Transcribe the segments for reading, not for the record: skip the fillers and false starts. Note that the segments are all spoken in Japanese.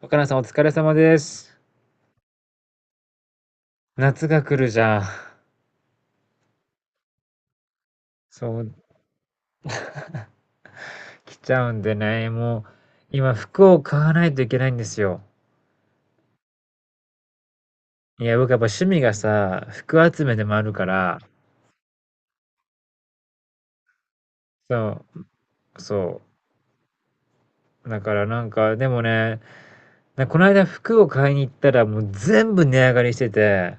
若菜さんお疲れ様です。夏が来るじゃん。そう、来ちゃうんでね、もう、今服を買わないといけないんですよ。いや、僕やっぱ趣味がさ、服集めでもあるから、そう、そう。だから、でもね、この間服を買いに行ったらもう全部値上がりしてて、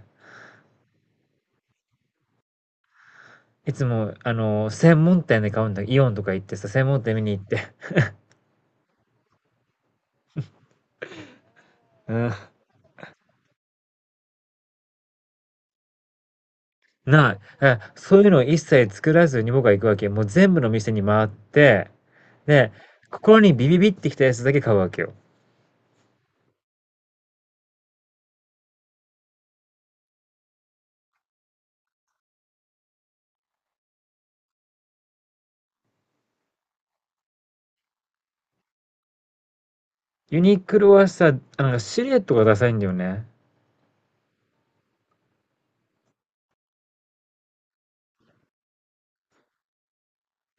いつも、専門店で買うんだ、イオンとか行ってさ、専門店見に行って。うん。ない。え、そういうのを一切作らずに僕は行くわけ。もう全部の店に回って、で、心にビビビってきたやつだけ買うわけよ。ユニクロはさ、シルエットがダサいんだよね。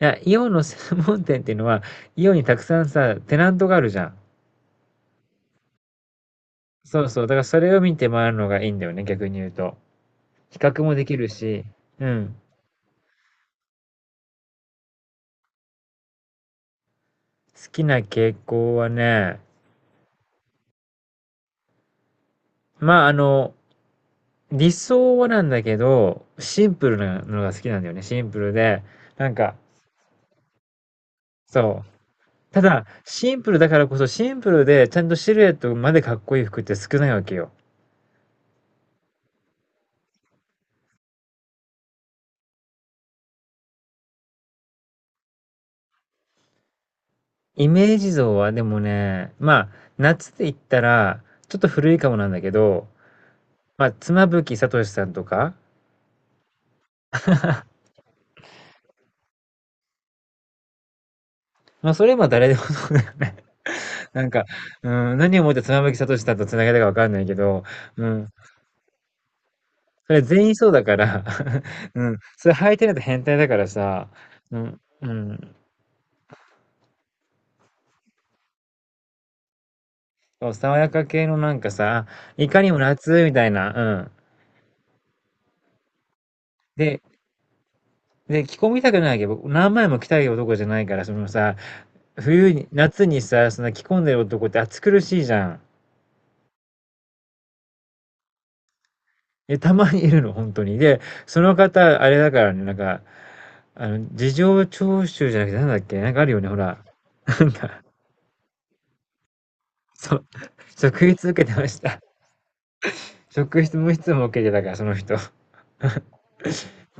いや、イオンの専門店っていうのは、イオンにたくさんさ、テナントがあるじゃん。そうそう。だからそれを見て回るのがいいんだよね、逆に言うと。比較もできるし、うん。好きな傾向はね、まあ、あの、理想はなんだけど、シンプルなのが好きなんだよね。シンプルで、なんか、そう。ただ、シンプルだからこそ、シンプルでちゃんとシルエットまでかっこいい服って少ないわけよ。イメージ像はでもね、まあ、夏って言ったら、ちょっと古いかもなんだけど、まあ、妻夫木聡さんとか、まあ、それは誰でもそうだよね。なんか、うん、何をもって妻夫木聡さんと繋げたかわかんないけど、うん、それ全員そうだから うん、それ履いてると変態だからさ、うん、うん、そう、爽やか系のなんかさ、いかにも夏みたいな、うん。で、で、着込みたくないけ。ど、何枚も着たい男じゃないから、そのさ、夏にさ、そんな着込んでる男って暑苦しいじゃん。で、たまにいるの、本当に。で、その方、あれだからね、なんか、あの、事情聴取じゃなくて、なんだっけ、なんかあるよね、ほら。なんだ、そう、職質受けてました。職質無質も受けてたから、その人。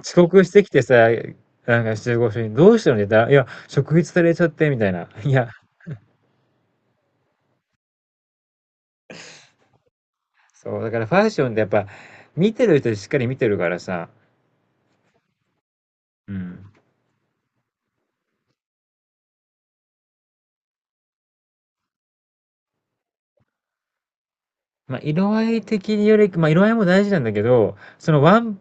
遅刻してきてさ、なんか集合所に、どうしたのって言ったら、いや、職質されちゃって、みたいな。いや、そう、だからファッションってやっぱ、見てる人しっかり見てるからさ、うん。まあ、色合い的により、まあ、色合いも大事なんだけど、そのワン、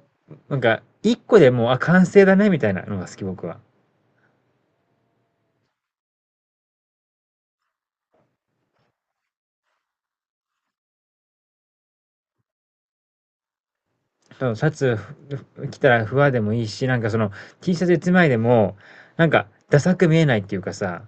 なんか、一個でもう、あ、完成だね、みたいなのが好き、僕は。そのシャツふ着たらふわでもいいし、なんかその T シャツ一枚でも、なんか、ダサく見えないっていうかさ、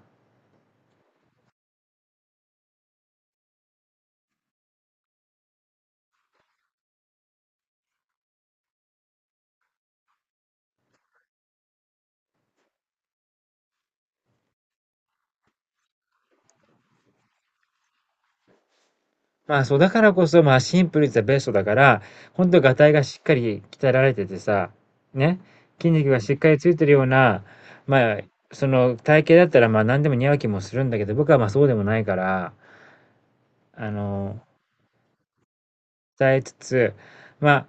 まあそう、だからこそ、まあシンプルイズはベストだから、本当ガタイがしっかり鍛えられててさ、ね、筋肉がしっかりついてるような、まあ、その体型だったらまあ何でも似合う気もするんだけど、僕はまあそうでもないから、あの、伝えつつ、まあ、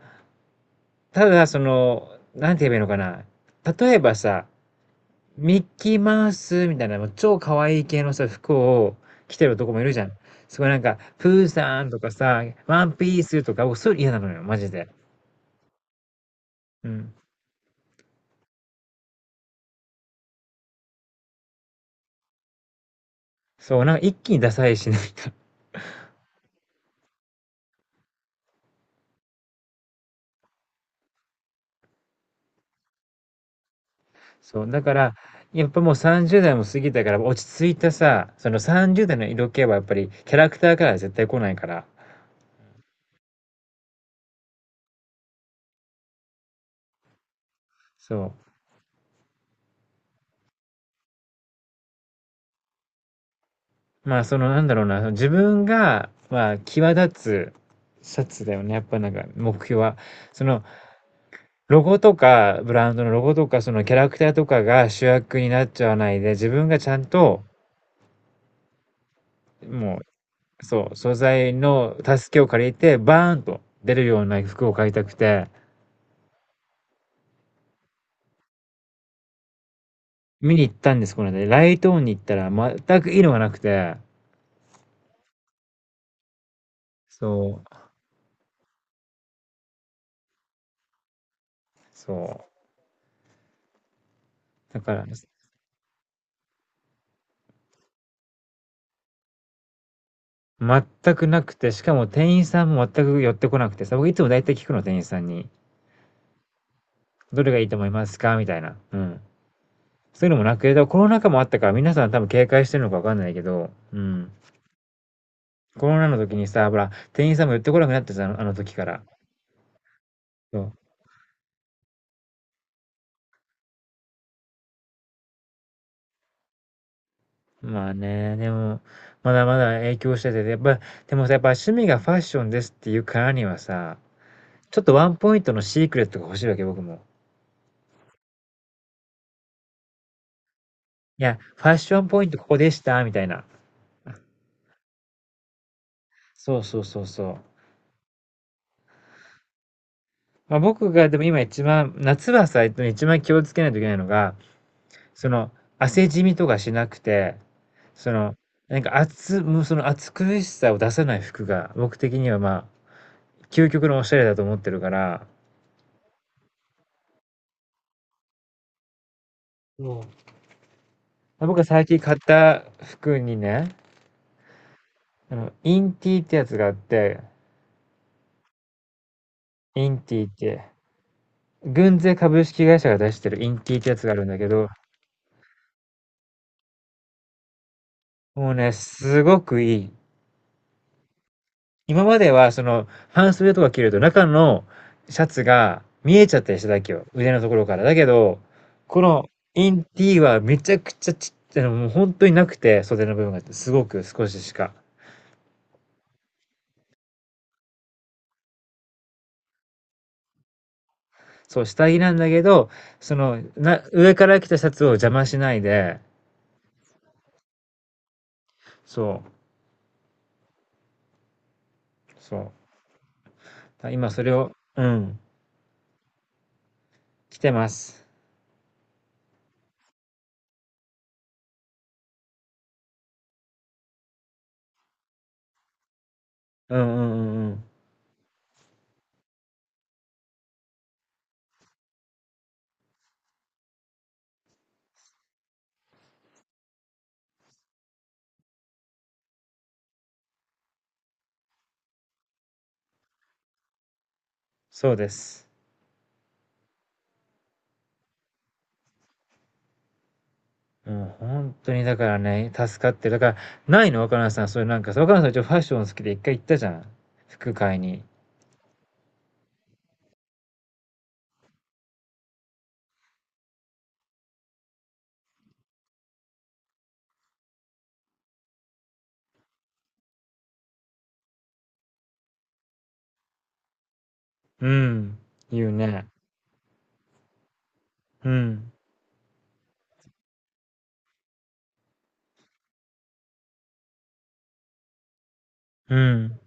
ただその、なんて言えばいいのかな。例えばさ、ミッキーマウスみたいな、もう超可愛い系のさ、服を着てる男もいるじゃん。すごいなんか、プーさんとかさ、ワンピースとか、僕そういうの嫌なのよ、マジで。うん。そう、なんか一気にダサいし、ないか。そう、だから、やっぱもう30代も過ぎたから、落ち着いたさ、その30代の色気はやっぱりキャラクターからは絶対来ないから。そう。まあ、その、なんだろうな、その自分が、まあ、際立つシャツだよね。やっぱなんか、目標は。その、ロゴとか、ブランドのロゴとか、そのキャラクターとかが主役になっちゃわないで、自分がちゃんと、もう、そう、素材の助けを借りて、バーンと出るような服を買いたくて、見に行ったんです、この間。ライトオンに行ったら、全く色がなくて、そう、そう。だから、全くなくて、しかも店員さんも全く寄ってこなくてさ、僕いつも大体聞くの、店員さんに。どれがいいと思いますかみたいな。うん。そういうのもなくて、コロナ禍もあったから皆さん多分警戒してるのかわかんないけど、うん。コロナの時にさ、ほら、店員さんも寄ってこなくなってさ、あの時から。そう。まあね、でも、まだまだ影響してて、やっぱ、でもさ、やっぱ趣味がファッションですっていうからにはさ、ちょっとワンポイントのシークレットが欲しいわけ、僕も。いや、ファッションポイントここでした、みたいな。そう。まあ、僕がでも今一番、夏はさ、一番気をつけないといけないのが、その、汗じみとかしなくて、その、なんか暑、もうその暑苦しさを出さない服が、僕的にはまあ、究極のおしゃれだと思ってるから、そうん。まあ僕が最近買った服にね、あの、インティってやつがあって、インティって、軍勢株式会社が出してるインティってやつがあるんだけど、もうね、すごくいい。今まではその半袖とか着ると中のシャツが見えちゃったりしただけよ。腕のところから。だけど、このインティーはめちゃくちゃちっちゃいの、もう本当になくて、袖の部分がすごく少ししか。そう、下着なんだけど、その、な、上から着たシャツを邪魔しないで、そう、そう。今それを、うん、着てます。うん。そうです。もう本当にだからね、助かってる。だから、ないの若菜さん、そういうなんかさ、若菜さん一応ファッション好きで一回行ったじゃん。服買いに。うん。言うね。うん。うん。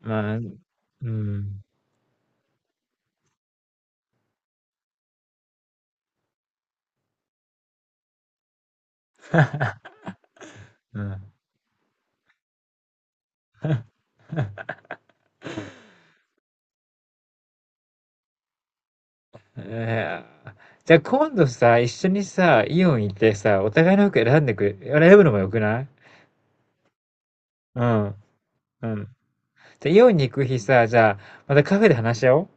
まあ、うん。うん。えーじゃあ今度さ、一緒にさ、イオン行ってさ、お互いの服選んでくれ、選ぶのもよくない？うん。うん。じゃあイオンに行く日さ、じゃあ、またカフェで話し合おう。